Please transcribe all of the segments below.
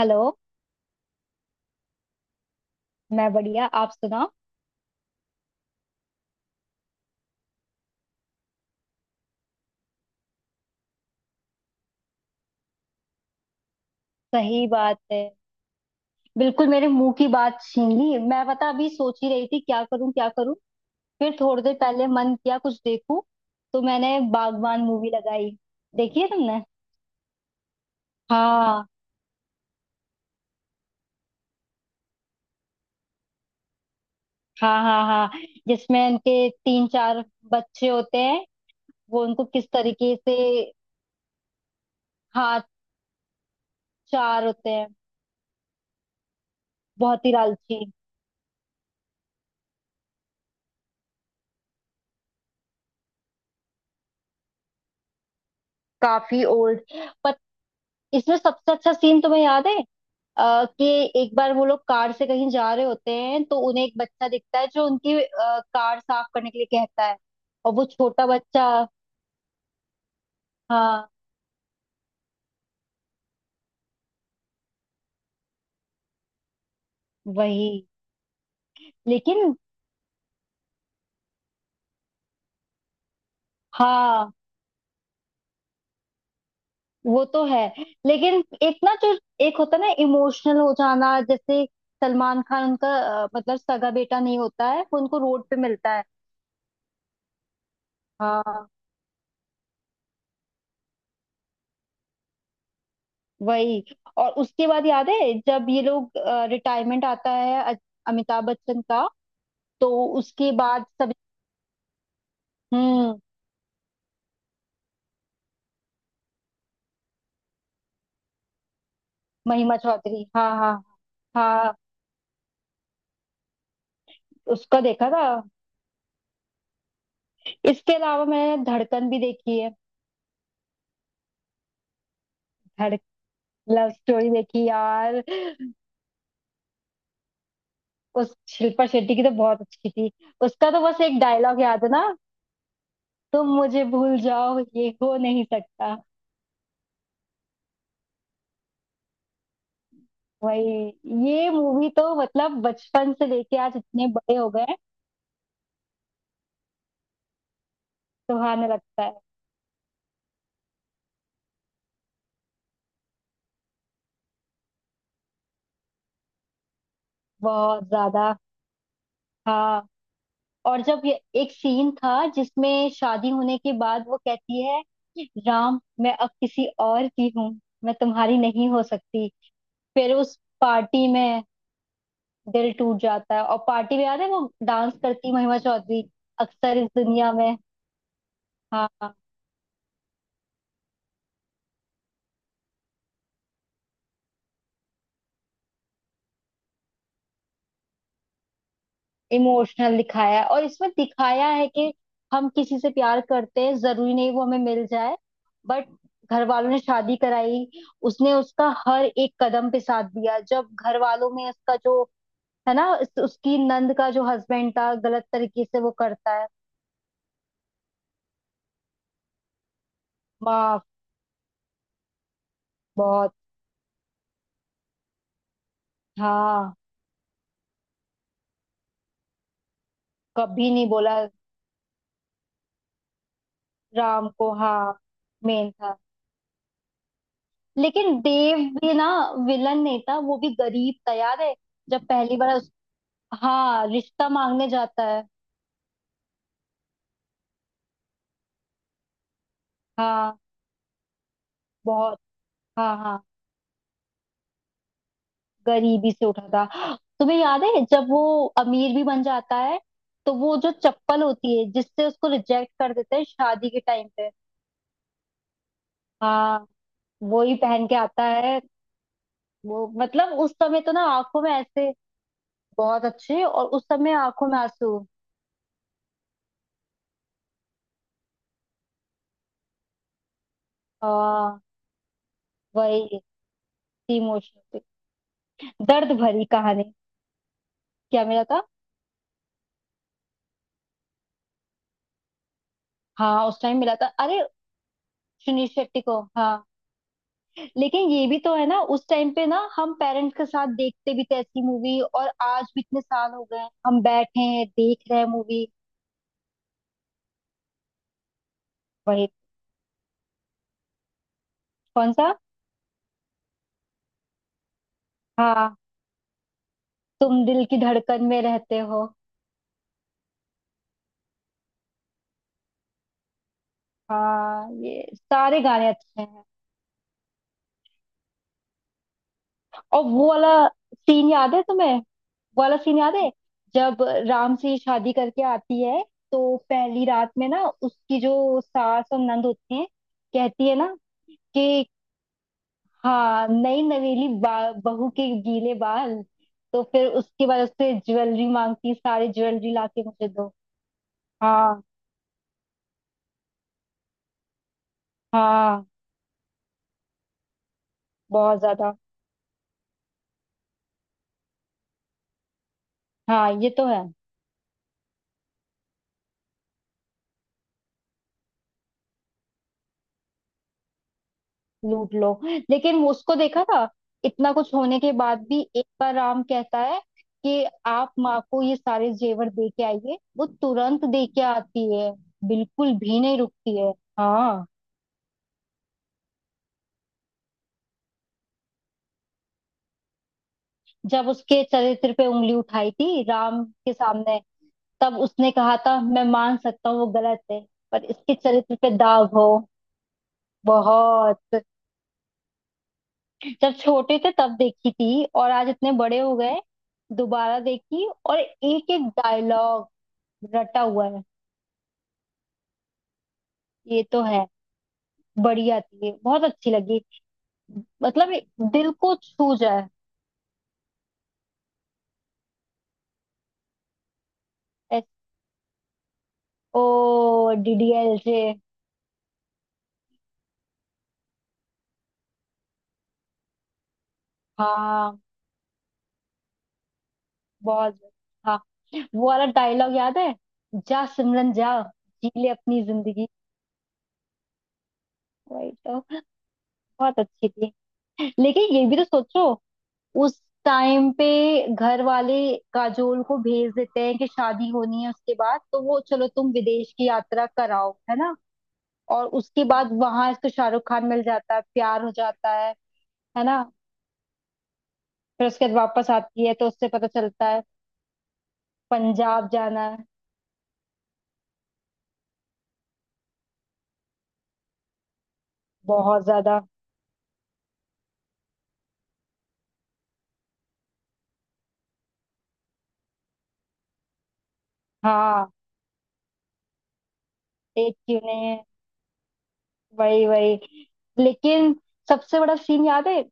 Hello. मैं बढ़िया, आप सुनाओ। सही बात है। बिल्कुल मेरे मुंह की बात छीन ली। मैं पता अभी सोच ही रही थी क्या करूं क्या करूं। फिर थोड़ी देर पहले मन किया कुछ देखूं, तो मैंने बागबान मूवी लगाई। देखी है तुमने? हाँ हाँ हाँ। हाँ, जिसमें उनके तीन चार बच्चे होते हैं। वो उनको किस तरीके से। हाँ, चार होते हैं। बहुत ही लालची। काफी ओल्ड। पर इसमें सबसे अच्छा सीन तुम्हें याद है? कि एक बार वो लोग कार से कहीं जा रहे होते हैं तो उन्हें एक बच्चा दिखता है जो उनकी कार साफ करने के लिए कहता है। और वो छोटा बच्चा। हाँ वही। लेकिन हाँ, वो तो है। लेकिन एक ना जो एक होता है ना इमोशनल हो जाना, जैसे सलमान खान उनका मतलब सगा बेटा नहीं होता है, वो उनको रोड पे मिलता है। हाँ वही। और उसके बाद याद है जब ये लोग, रिटायरमेंट आता है अमिताभ बच्चन का? तो उसके बाद सब। हम्म। महिमा चौधरी हाँ हाँ हाँ। उसका देखा था। इसके अलावा मैंने धड़कन भी देखी है। धड़ लव स्टोरी देखी यार। उस शिल्पा शेट्टी की तो बहुत अच्छी थी। उसका तो बस एक डायलॉग याद है ना। तुम मुझे भूल जाओ ये हो नहीं सकता। वही, ये मूवी तो मतलब बचपन से लेके आज इतने बड़े हो गए हैं, सुहाने लगता है। बहुत ज्यादा। हाँ, और जब ये एक सीन था जिसमें शादी होने के बाद वो कहती है, राम मैं अब किसी और की हूँ, मैं तुम्हारी नहीं हो सकती। फिर उस पार्टी में दिल टूट जाता है, और पार्टी में याद है वो डांस करती महिमा चौधरी, अक्सर इस दुनिया में। हाँ। इमोशनल दिखाया है, और इसमें दिखाया है कि हम किसी से प्यार करते हैं जरूरी नहीं वो हमें मिल जाए। बट घर वालों ने शादी कराई, उसने उसका हर एक कदम पे साथ दिया। जब घर वालों में उसका जो है ना, उसकी नंद का जो हस्बैंड था गलत तरीके से वो करता है। माफ। बहुत। हाँ, कभी नहीं बोला। राम को हाँ। मेन था। लेकिन देव भी ना विलन नहीं था, वो भी गरीब था याद है जब पहली बार उस। हाँ, रिश्ता मांगने जाता है। हाँ। बहुत। हाँ हाँ। गरीबी से उठा था। तुम्हें याद है जब वो अमीर भी बन जाता है, तो वो जो चप्पल होती है जिससे उसको रिजेक्ट कर देते हैं शादी के टाइम पे। हाँ। वो ही पहन के आता है। वो मतलब उस समय तो ना आंखों में ऐसे। बहुत अच्छे, और उस समय आंखों में आंसू। हाँ वही। इमोशनल। दर्द भरी कहानी। क्या मिला था? हाँ उस टाइम मिला था। अरे सुनील शेट्टी को, हाँ। लेकिन ये भी तो है ना, उस टाइम पे ना हम पेरेंट्स के साथ देखते भी थे ऐसी मूवी, और आज भी इतने साल हो गए हैं, हम बैठे हैं देख रहे हैं मूवी। वही। कौन सा? हाँ, तुम दिल की धड़कन में रहते हो। हाँ, ये सारे गाने अच्छे हैं। और वो वाला सीन याद है तुम्हें, वो वाला सीन याद है जब राम से शादी करके आती है, तो पहली रात में ना उसकी जो सास और नंद होती हैं, कहती है ना कि, हाँ नई नवेली बहू के गीले बाल, तो फिर उसके बाद उससे ज्वेलरी मांगती, सारी ज्वेलरी लाके मुझे दो। हाँ हाँ। बहुत ज्यादा। हाँ ये तो है। लूट लो। लेकिन वो उसको देखा था, इतना कुछ होने के बाद भी एक बार राम कहता है कि आप माँ को ये सारे जेवर दे के आइए, वो तुरंत दे के आती है। बिल्कुल भी नहीं रुकती है। हाँ, जब उसके चरित्र पे उंगली उठाई थी राम के सामने, तब उसने कहा था मैं मान सकता हूँ वो गलत है, पर इसके चरित्र पे दाग हो। बहुत। जब छोटे थे तब देखी थी, और आज इतने बड़े हो गए दोबारा देखी, और एक एक डायलॉग रटा हुआ है। ये तो है। बढ़िया थी ये, बहुत अच्छी लगी। मतलब ये दिल को छू जाए। एस, ओ, DDLJ। हाँ बहुत। हाँ वो वाला डायलॉग याद है, जा सिमरन जा, जी ले अपनी जिंदगी, वही तो। बहुत अच्छी थी। लेकिन ये भी तो सोचो उस टाइम पे, घर वाले काजोल को भेज देते हैं कि शादी होनी है उसके बाद, तो वो चलो तुम विदेश की यात्रा कराओ, है ना। और उसके बाद वहां इसको शाहरुख खान मिल जाता है, प्यार हो जाता है ना। फिर उसके बाद वापस आती है तो उससे पता चलता है पंजाब जाना है। बहुत ज्यादा। हाँ एक क्यों नहीं है, वही वही। लेकिन सबसे बड़ा सीन याद है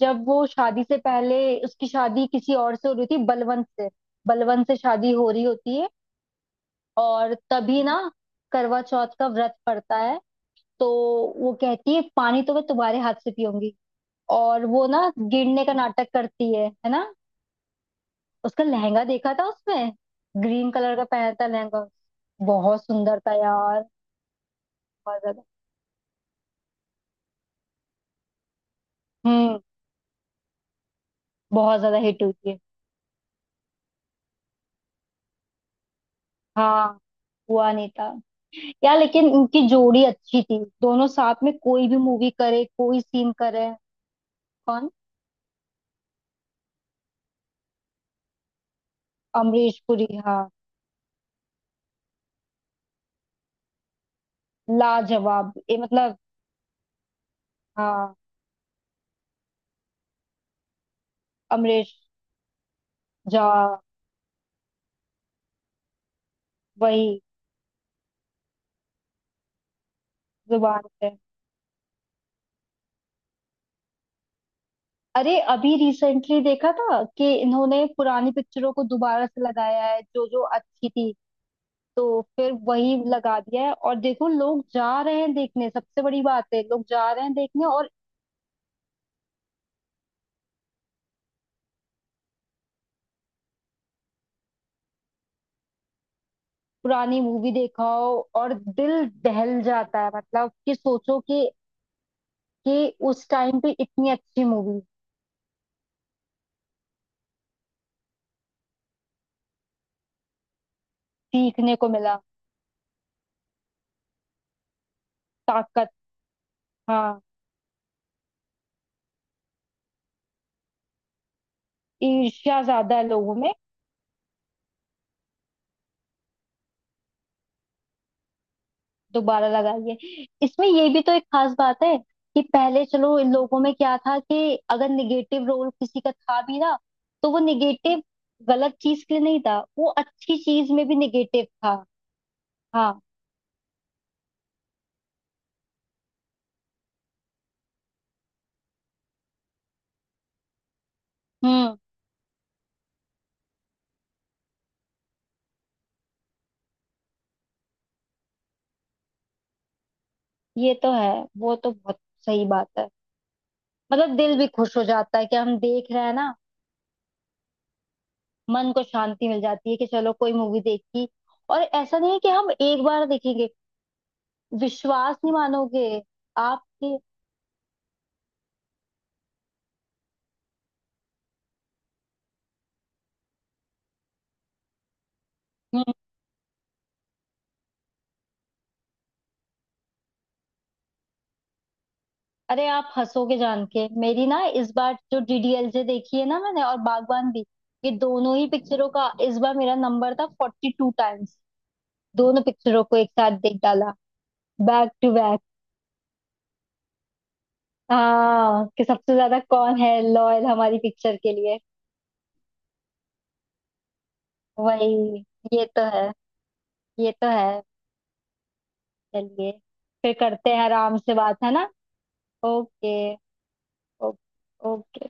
जब वो शादी से पहले, उसकी शादी किसी और से हो रही थी, बलवंत से, बलवंत से शादी हो रही होती है। और तभी ना करवा चौथ का व्रत पड़ता है, तो वो कहती है पानी तो मैं तुम्हारे हाथ से पीऊंगी, और वो ना गिरने का नाटक करती है ना। उसका लहंगा देखा था उसमें, ग्रीन कलर का पहना था लहंगा। बहुत सुंदर था यार। बहुत ज्यादा। हम्म। बहुत ज्यादा हिट हुई थी। हाँ, हुआ नहीं था। यार लेकिन इनकी जोड़ी अच्छी थी, दोनों साथ में कोई भी मूवी करे कोई सीन करे। कौन? अमरीश पुरी, हाँ। लाजवाब ये मतलब। हाँ, अमरीश जा। वही जुबान पे। अरे अभी रिसेंटली देखा था कि इन्होंने पुरानी पिक्चरों को दोबारा से लगाया है, जो जो अच्छी थी। तो फिर वही लगा दिया है, और देखो लोग जा रहे हैं देखने, सबसे बड़ी बात है लोग जा रहे हैं देखने, और पुरानी मूवी देखाओ। और दिल दहल जाता है, मतलब कि सोचो कि उस टाइम पे इतनी अच्छी मूवी। सीखने को मिला। ताकत। हाँ, ईर्ष्या ज्यादा है लोगों में। दोबारा लगाइए। इसमें ये भी तो एक खास बात है कि पहले चलो, इन लोगों में क्या था कि अगर निगेटिव रोल किसी का था भी ना, तो वो निगेटिव गलत चीज के लिए नहीं था, वो अच्छी चीज में भी निगेटिव था। हाँ। हम्म। ये तो है। वो तो बहुत सही बात है। मतलब दिल भी खुश हो जाता है कि हम देख रहे हैं ना, मन को शांति मिल जाती है कि चलो कोई मूवी देखी। और ऐसा नहीं है कि हम एक बार देखेंगे, विश्वास नहीं मानोगे आपके। अरे आप हंसोगे जान के मेरी ना, इस बार जो DDLJ देखी है ना मैंने, और बागबान भी, ये दोनों ही पिक्चरों का इस बार मेरा नंबर था 42 टाइम्स। दोनों पिक्चरों को एक साथ देख डाला, बैक टू बैक। हाँ कि सबसे ज्यादा कौन है लॉयल हमारी पिक्चर के लिए। वही ये तो है, ये तो है। चलिए, फिर करते हैं आराम से बात, है ना। Okay, okay.